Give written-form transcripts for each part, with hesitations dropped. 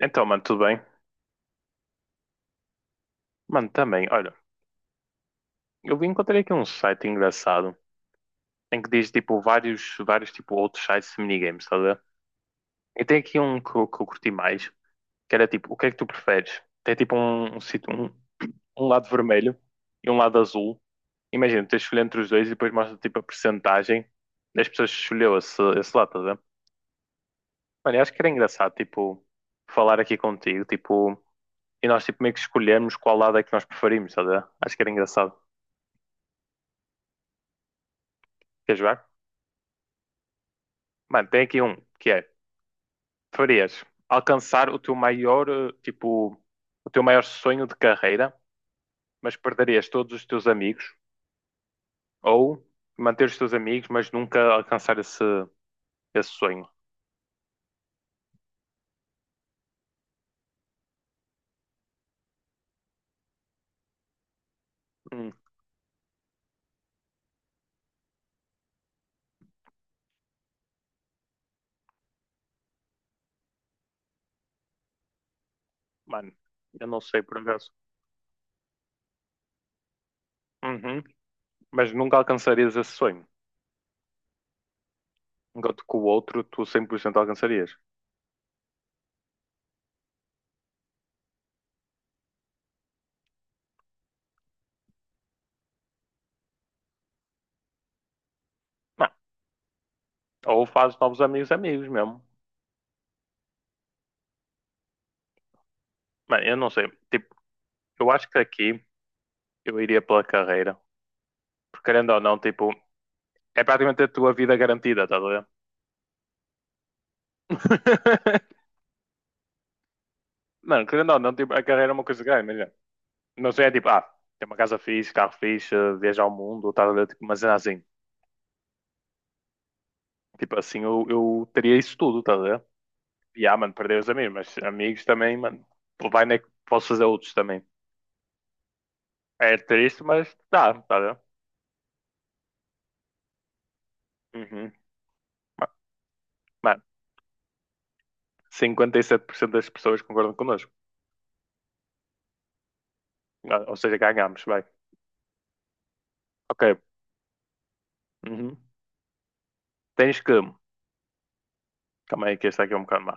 Então, mano, tudo bem? Mano, também, olha, eu encontrei aqui um site engraçado em que diz tipo vários tipo outros sites de minigames, estás a ver? E tem aqui um que, eu curti mais, que era tipo, o que é que tu preferes? Tem tipo um lado vermelho e um lado azul. Imagina, tu tens de escolher entre os dois e depois mostra tipo a percentagem das pessoas que escolheu esse lado, estás a ver? Mano, eu acho que era engraçado, tipo, falar aqui contigo, tipo, e nós tipo meio que escolhermos qual lado é que nós preferimos, estás a ver? Acho que era engraçado. Quer jogar? Mano, tem aqui um que é: preferias alcançar o teu maior, tipo, o teu maior sonho de carreira, mas perderias todos os teus amigos, ou manter os teus amigos, mas nunca alcançar esse sonho? Hum, mano, eu não sei por acaso. Uhum, mas nunca alcançarias esse sonho. Enquanto que o outro tu 100% alcançarias. Mano, ou fazes novos amigos, amigos mesmo. Mano, eu não sei. Tipo, eu acho que aqui eu iria pela carreira. Porque querendo ou não, tipo, é praticamente a tua vida garantida, tá. Mano, querendo ou não, tipo, a carreira é uma coisa grande, melhor. Não sei, é tipo, ah, tem uma casa fixe, carro fixe, viajar ao mundo, tá a ver? Tipo, mas é assim, tipo assim, eu teria isso tudo, tá a ver? E ah, mano, perder os amigos, mas amigos também, mano, pô, vai, né? Que posso fazer outros também. É triste, mas dá, tá a ver? Uhum. Ma- Mano, 57% das pessoas concordam connosco. Ah, ou seja, ganhamos, vai. Ok. Uhum. Tens que. Calma aí, que este aqui é um bocado má.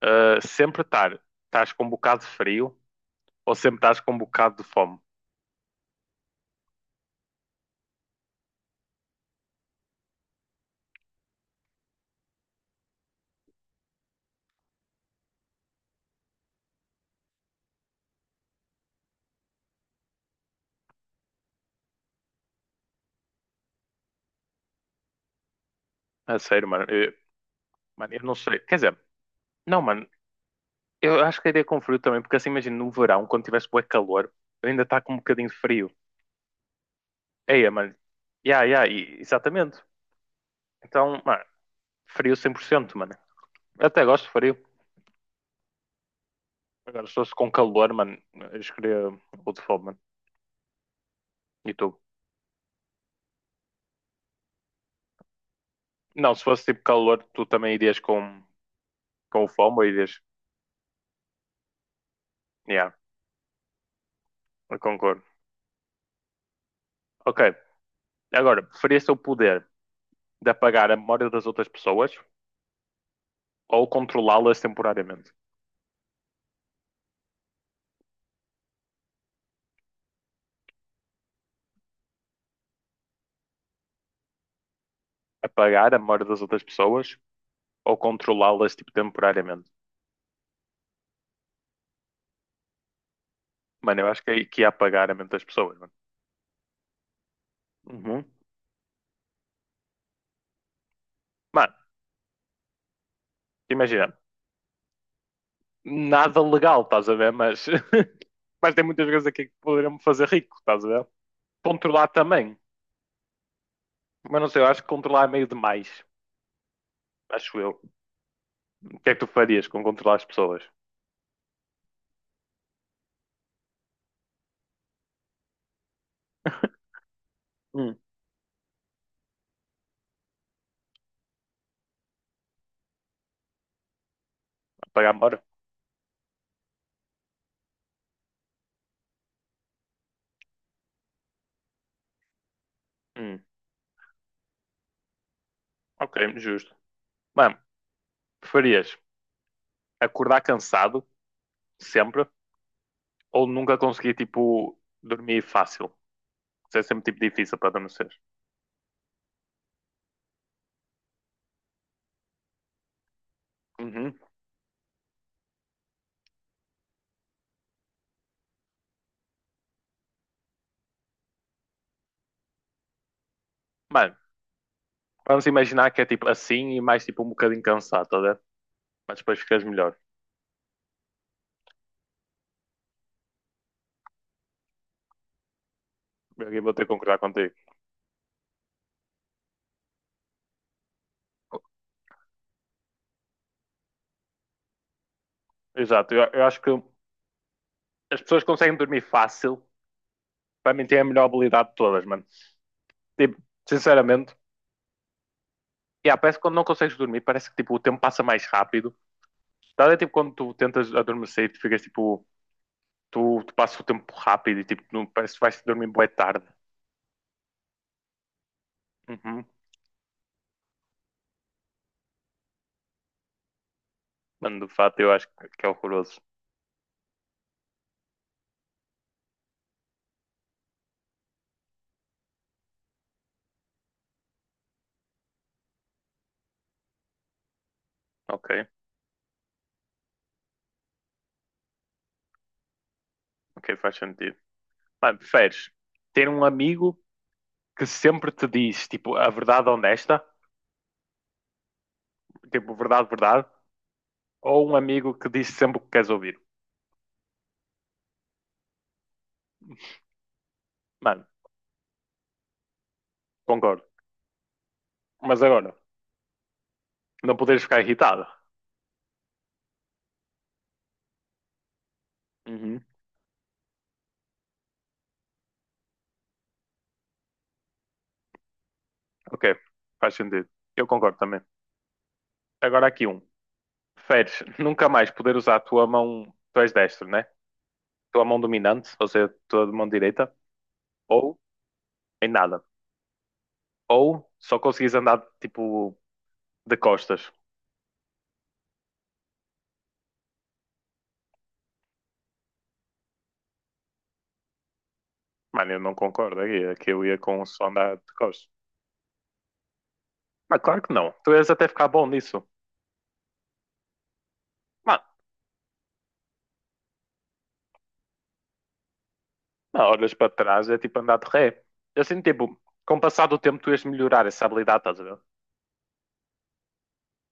Ah, sempre estar. Estás com um bocado de frio, ou sempre estás com um bocado de fome? A sério, mano. Mano, eu não sei. Quer dizer, não, mano. Eu acho que iria com frio também, porque assim, imagina, no verão, quando tivesse bué calor, eu ainda está com um bocadinho de frio. Eia, mano. Ya, ya, exatamente. Então, mano, frio 100% mano. Eu até gosto de frio. Agora, se fosse com calor, mano, eu escolheria o de fome, mano. E tu? Não, se fosse tipo calor, tu também irias com, com o fome. Ou Ya, eu concordo. Ok, agora, preferia se o poder de apagar a memória das outras pessoas ou controlá-las temporariamente? Apagar a memória das outras pessoas ou controlá-las tipo, temporariamente? Mano, eu acho que ia apagar a mente das pessoas, mano. Uhum. Mano, imagina, nada legal, estás a ver? Mas, mas tem muitas coisas aqui que poderiam me fazer rico, estás a ver? Controlar também. Mas não sei, eu acho que controlar é meio demais. Acho eu. O que é que tu farias com controlar as pessoas? Hum. Apagar a memória? Hum, ok, justo. Mano, preferias acordar cansado, sempre, ou nunca conseguir, tipo, dormir fácil. Isso é sempre, tipo, difícil para adormecer. Uhum. Mano, vamos imaginar que é, tipo, assim e mais, tipo, um bocadinho cansado, tá a ver? Mas depois ficas melhor. Eu aqui vou ter que concordar contigo. Exato, eu acho que as pessoas que conseguem dormir fácil, para mim, têm a melhor habilidade de todas, mano. Tipo, sinceramente, yeah, parece que quando não consegues dormir, parece que, tipo, o tempo passa mais rápido. Tá a ver, tipo, quando tu tentas adormecer e tu ficas, tipo. Tu passas o tempo rápido e tipo, não, parece que vais dormir bué tarde. Uhum. Mano, de fato, eu acho que é horroroso. Ok, ok, faz sentido. Mano, preferes ter um amigo que sempre te diz, tipo, a verdade honesta, tipo, verdade, verdade, ou um amigo que diz sempre o que queres ouvir? Mano, concordo. Mas agora, não poderes ficar irritado. Uhum. Ok, faz sentido. Eu concordo também. Agora aqui um. Preferes nunca mais poder usar a tua mão, tu és destro, né? Tua mão dominante, ou seja, tua mão direita, ou em nada. Ou só conseguires andar, tipo, de costas. Mano, eu não concordo aqui. É que eu ia com o som andar de costas. Mas claro que não. Tu ias até ficar bom nisso. Mano, não, olhas para trás, é tipo andar de ré. Assim, tipo, com o passar do tempo tu ias melhorar essa habilidade, estás a ver?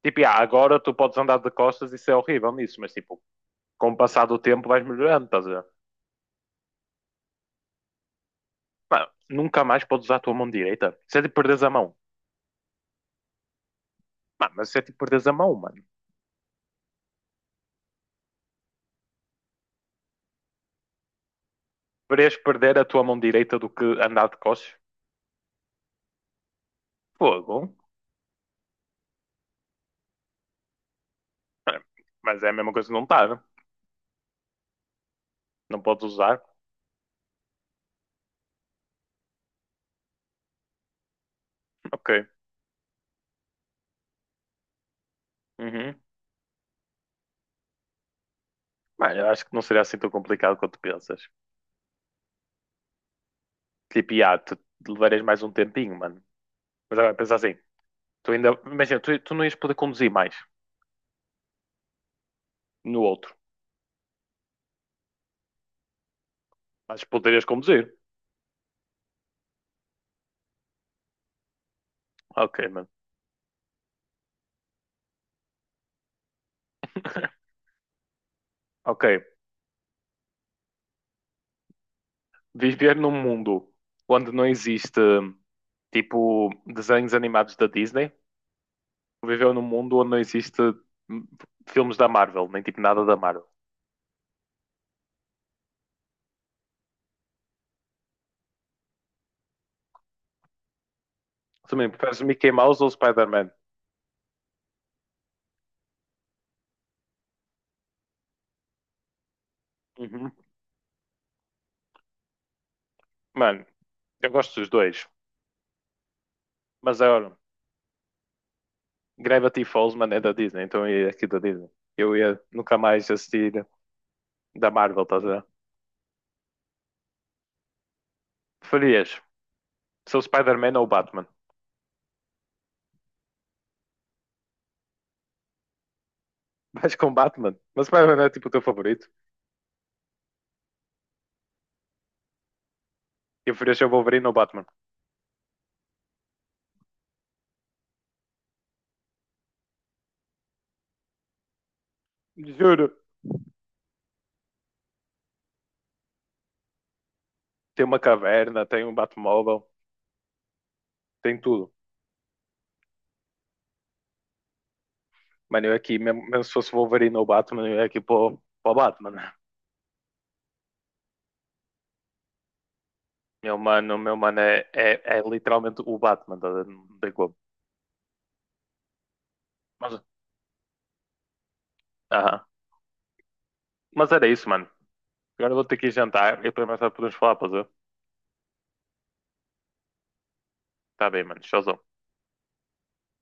Tipo, ah, agora tu podes andar de costas e isso é horrível nisso, mas tipo, com o passar do tempo vais melhorando, estás a ver? Mano, nunca mais podes usar a tua mão direita. Isso é tipo perderes a mão. Mano, mas isso é tipo perderes a mão, mano. Deverias perder a tua mão direita do que andar de costas? Fogo. Mano, mas é a mesma coisa que não estar. Não podes usar. Ok. Uhum. Mano, eu acho que não seria assim tão complicado quanto pensas. Tipo, ah, tu levarias mais um tempinho, mano. Mas agora pensa assim, tu ainda. Imagina, tu não ias poder conduzir mais no outro. Mas poderias conduzir. Ok, mano. Ok. Viver num mundo onde não existe tipo desenhos animados da Disney. Viver num mundo onde não existe hum, filmes da Marvel, nem tipo nada da Marvel. Também preferes Mickey Mouse ou Spider-Man? Uhum. Mano, eu gosto dos dois. Mas agora, Gravity Falls, mano, é da Disney, então é aqui da Disney. Eu ia nunca mais assistir da Marvel, estás a ver? Preferias ser o Spider-Man ou o Batman? Vais com o Batman? Mas o Spider-Man é tipo o teu favorito. E preferias ser o Wolverine ou o Batman? Juro. Tem uma caverna, tem um Batmóvel, tem tudo. Mano, eu aqui, mesmo, mesmo se fosse o Wolverine ou o Batman, eu ia aqui para o Batman. Meu mano é, é literalmente o Batman, estás a ver? Não tem como. Mas, aham. Mas era isso, mano. Agora eu vou ter que ir jantar e depois mais tarde podemos falar, pois é? Tá bem, mano. Tchauzão.